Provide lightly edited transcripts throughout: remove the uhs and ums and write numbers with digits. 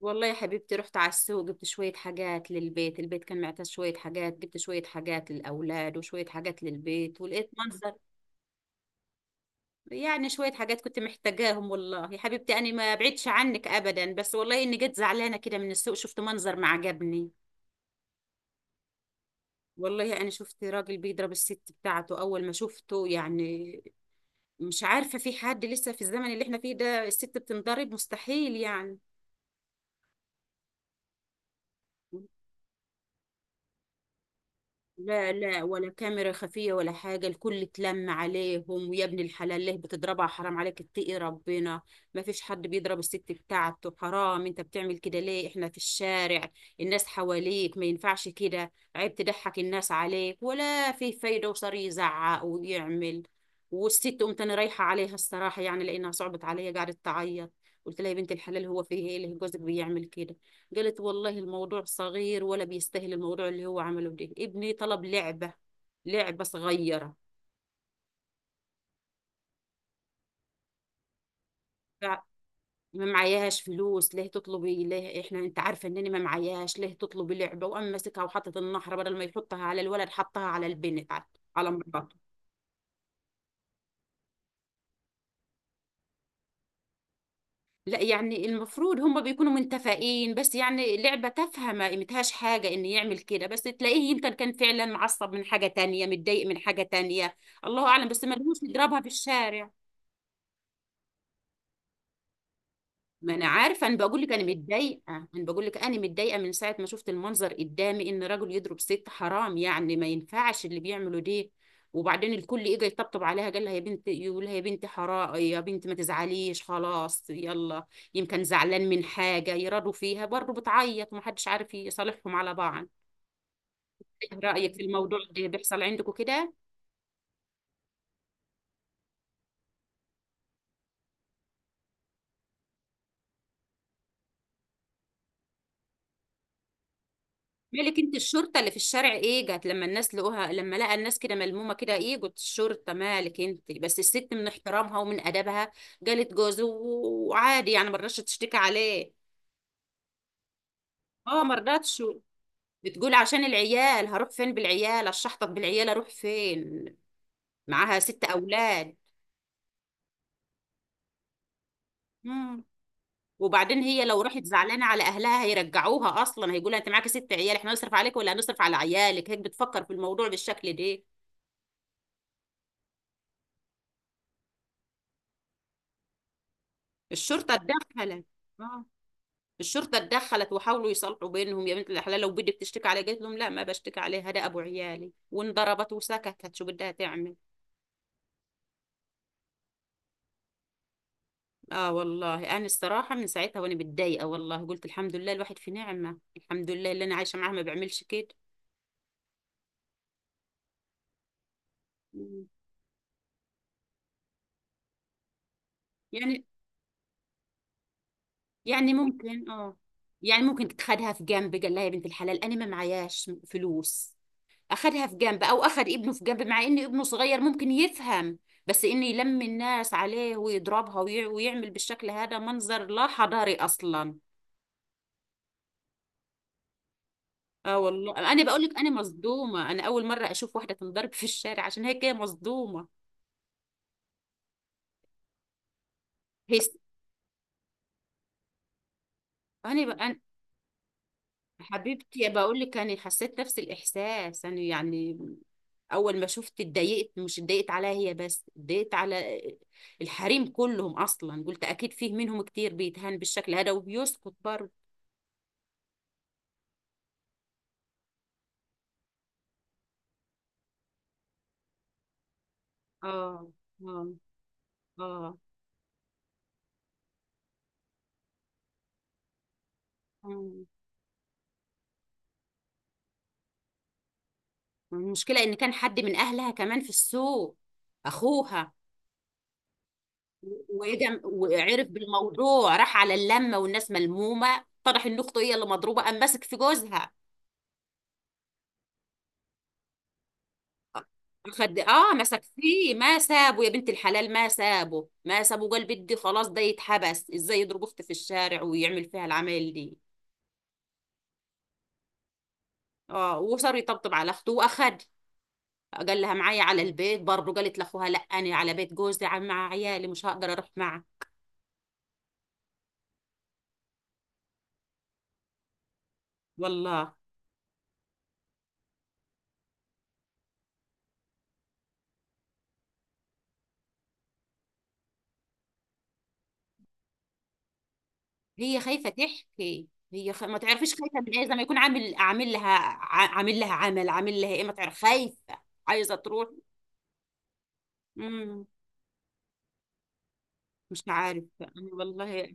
والله يا حبيبتي، رحت على السوق. جبت شوية حاجات للبيت. البيت كان معتز شوية حاجات. جبت شوية حاجات للأولاد وشوية حاجات للبيت، ولقيت منظر. يعني شوية حاجات كنت محتاجاهم. والله يا حبيبتي أنا ما بعدش عنك أبدا، بس والله إني جيت زعلانة كده من السوق. شفت منظر ما عجبني. والله أنا شفت راجل بيضرب الست بتاعته. أول ما شفته يعني، مش عارفة في حد لسه في الزمن اللي احنا فيه ده الست بتنضرب؟ مستحيل يعني. لا لا، ولا كاميرا خفية ولا حاجة. الكل اتلم عليهم. ويا ابن الحلال ليه بتضربها؟ حرام عليك، اتقي ربنا. ما فيش حد بيضرب الست بتاعته. حرام انت بتعمل كده ليه؟ احنا في الشارع، الناس حواليك. ما ينفعش كده، عيب. تضحك الناس عليك ولا في فايدة. وصار يزعق ويعمل. والست قمت انا رايحة عليها الصراحة، يعني لانها صعبت عليا. قعدت تعيط. قلت لها يا بنت الحلال، هو فيه ايه اللي جوزك بيعمل كده؟ قالت والله الموضوع صغير ولا بيستاهل. الموضوع اللي هو عمله ده، ابني طلب لعبة. لعبة صغيرة. فع- ما معياش فلوس، ليه تطلبي؟ ليه؟ احنا انت عارفه انني ما معياش، ليه تطلبي لعبه؟ وقام ماسكها وحطت النحره. بدل ما يحطها على الولد، حطها على البنت، على مراته. لا يعني، المفروض هم بيكونوا متفقين. بس يعني لعبه تافهه ما قيمتهاش حاجه ان يعمل كده. بس تلاقيه يمكن كان فعلا معصب من حاجه تانية، متضايق من حاجه تانية. الله اعلم، بس ما لهوش يضربها في الشارع. ما انا عارفه، انا بقول لك انا متضايقه. من ساعه ما شفت المنظر قدامي ان رجل يضرب ست. حرام يعني، ما ينفعش اللي بيعمله ده. وبعدين الكل اجى يطبطب عليها، قال لها يا بنت، يقول لها يا بنت حرام، يا بنت ما تزعليش خلاص، يلا. يمكن زعلان من حاجه يرادوا فيها برضه بتعيط ومحدش عارف يصالحهم على بعض. ايه رايك في الموضوع ده؟ بيحصل عندكم كده؟ مالك انت؟ الشرطة اللي في الشارع ايه جت؟ لما الناس لقوها، لما لقى الناس كده ملمومة كده، ايه جت الشرطة؟ مالك انت؟ بس الست من احترامها ومن ادبها جالت جوزه وعادي يعني، ما رضتش تشتكي عليه. اه ما رضتش. بتقول عشان العيال هروح فين؟ بالعيال اشحطط؟ بالعيال اروح فين؟ معاها 6 اولاد. مم. وبعدين هي لو راحت زعلانه على اهلها هيرجعوها اصلا. هيقولها انت معاكي 6 عيال، احنا هنصرف عليك ولا هنصرف على عيالك؟ هيك بتفكر في الموضوع بالشكل ده. الشرطه اتدخلت. اه الشرطة اتدخلت وحاولوا يصلحوا بينهم. يا بنت الحلال لو بدي بتشتكي علي، قالت لهم لا ما بشتكي عليها، ده أبو عيالي. وانضربت وسكتت، شو بدها تعمل؟ آه والله، أنا الصراحة من ساعتها وأنا متضايقة. والله قلت الحمد لله الواحد في نعمة. الحمد لله اللي أنا عايشة معاه ما بيعملش كده. مم. يعني، يعني ممكن آه. يعني ممكن تتخدها في جنب، قال لها يا بنت الحلال أنا ما معياش فلوس. اخدها في جنب او اخد ابنه في جنب، مع ان ابنه صغير ممكن يفهم. بس ان يلم الناس عليه ويضربها ويعمل بالشكل هذا منظر لا حضاري اصلا. اه والله انا بقول لك انا مصدومه، انا اول مره اشوف واحده تنضرب في الشارع. عشان هيك هي مصدومه. هي س- أنا حبيبتي بقول لك انا حسيت نفس الاحساس انا يعني. اول ما شفت اتضايقت، مش اتضايقت عليها هي بس، اتضايقت على الحريم كلهم اصلا. قلت اكيد فيه منهم كتير بيتهان بالشكل هذا وبيسكت برضه. اه اه اه. مم. المشكلة ان كان حد من اهلها كمان في السوق، اخوها. وجم وعرف بالموضوع، راح على اللمة والناس ملمومة، طرح ان اخته هي اللي مضروبة، قام ماسك في جوزها. خد اه مسك فيه ما سابه. يا بنت الحلال ما سابه، ما سابه. قال بدي خلاص ده يتحبس، ازاي يضرب اختي في الشارع ويعمل فيها العمل دي. اه وصار يطبطب على اخته، واخد قال لها معايا على البيت برضه. قالت لاخوها لا انا على بيت جوزي مع عيالي، مش هقدر اروح معه. والله هي خايفه تحكي. ما تعرفيش خايفه من ايه. زي ما يكون عامل، عامل لها عمل، عامل لها ايه، ما تعرف خايفه. عايزه تروح. امم مش عارفه. انا والله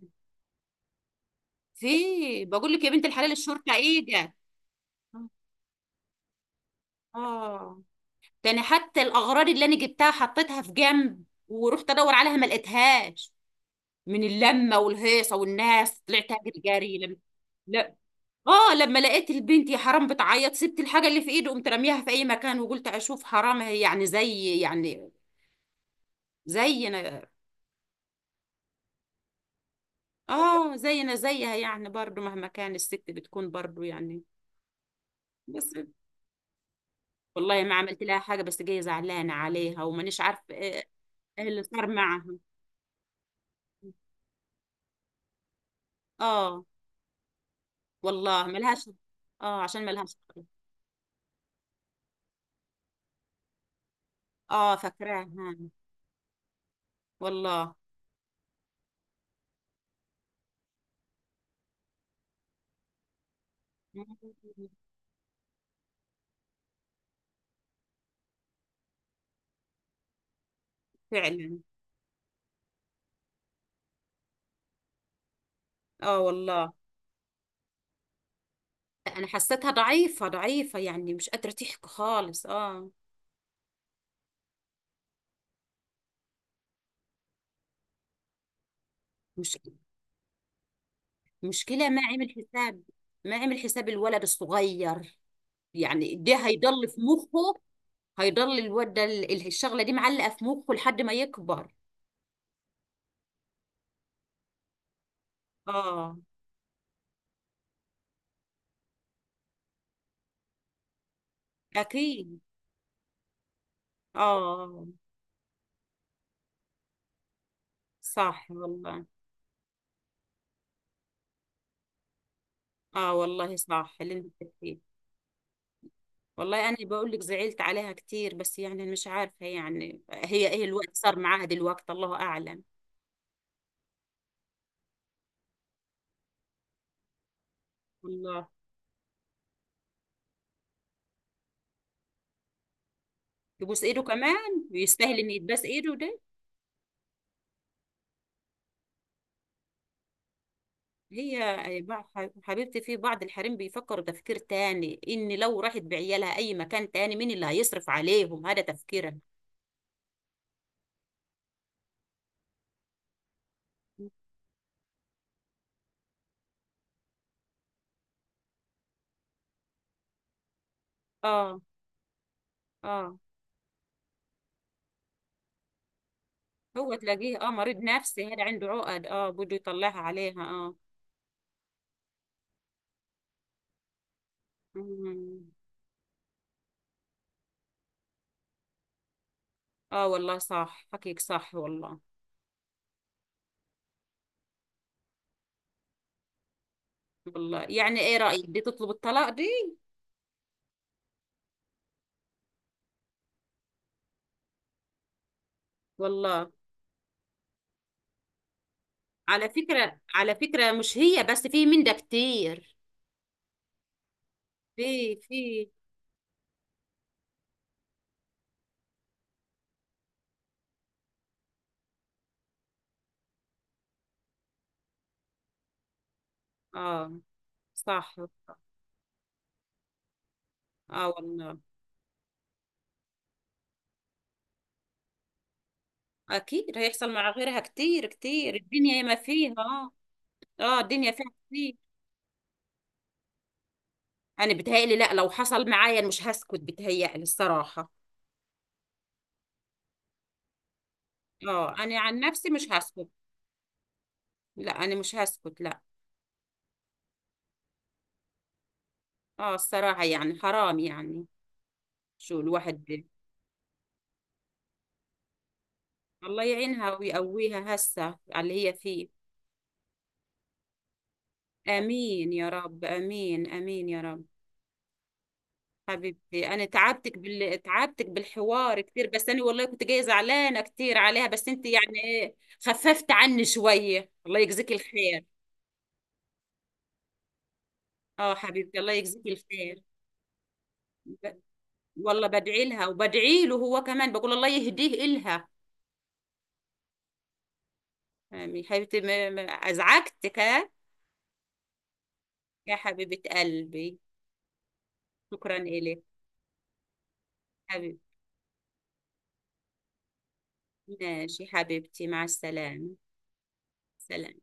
في بقول لك يا بنت الحلال الشرطه ايه ده؟ اه ده انا حتى الاغراض اللي انا جبتها حطيتها في جنب، ورحت ادور عليها ما لقيتهاش. من اللمة والهيصة والناس، طلعت أجري جري لما، لا اه، لما لقيت البنت يا حرام بتعيط، سبت الحاجة اللي في ايده قمت راميها في أي مكان، وقلت أشوف حرام هي يعني زي يعني زينا. اه زينا زيها يعني، برضو مهما كان الست بتكون برضو يعني. بس والله ما عملت لها حاجة، بس جاية زعلانة عليها ومانيش عارف ايه. إيه اللي صار معها. اه والله ملهاش. اه عشان ملهاش. اه فاكراها. والله. مم. فعلا. اه والله انا حسيتها ضعيفة ضعيفة يعني، مش قادرة تحكي خالص. اه مش، مشكلة، ما عمل حساب، ما عمل حساب الولد الصغير. يعني ده هيضل في مخه. هيضل الولد ده الشغلة دي معلقة في مخه لحد ما يكبر. اه اكيد. اه صح والله. اه والله صح اللي انت بتحكيه. والله انا بقول لك زعلت عليها كتير، بس يعني مش عارفة يعني هي ايه الوقت صار معاها دلوقتي، الله اعلم. والله. يبوس ايده كمان؟ ويستاهل ان يتباس ايده ده؟ هي حبيبتي في بعض الحريم بيفكر تفكير تاني، ان لو راحت بعيالها اي مكان تاني مين اللي هيصرف عليهم؟ هذا تفكيرها. اه اه. هو تلاقيه اه مريض نفسي هذا، عنده عقد اه، بده يطلعها عليها اه. مم. اه والله صح، حكيك صح والله. والله يعني ايه رأيك دي تطلب الطلاق دي؟ والله. على فكرة على فكرة، مش هي بس، في من ده كتير، في اه صح. اه والله اكيد هيحصل مع غيرها كتير كتير. الدنيا ما فيها اه اه. الدنيا فيها كتير. انا بتهيألي لا، لو حصل معايا أنا مش هسكت بتهيألي الصراحة. اه انا عن نفسي مش هسكت، لا انا مش هسكت، لا. اه الصراحة يعني حرام يعني. شو الواحد بي. الله يعينها ويقويها هسه على اللي هي فيه. امين يا رب، امين، امين يا رب. حبيبتي انا تعبتك بالحوار كتير، بس انا والله كنت جايه زعلانه كتير عليها، بس انت يعني ايه خففت عني شويه، الله يجزيك الخير. اه حبيبتي الله يجزيك الخير. ب... والله بدعي لها وبدعي له هو كمان، بقول الله يهديه إلها. يعني حبيبتي ما... ما... ازعجتك ها؟ يا حبيبه قلبي، شكرا إلك. حبيبتي، ماشي حبيبتي، مع السلامه. سلام.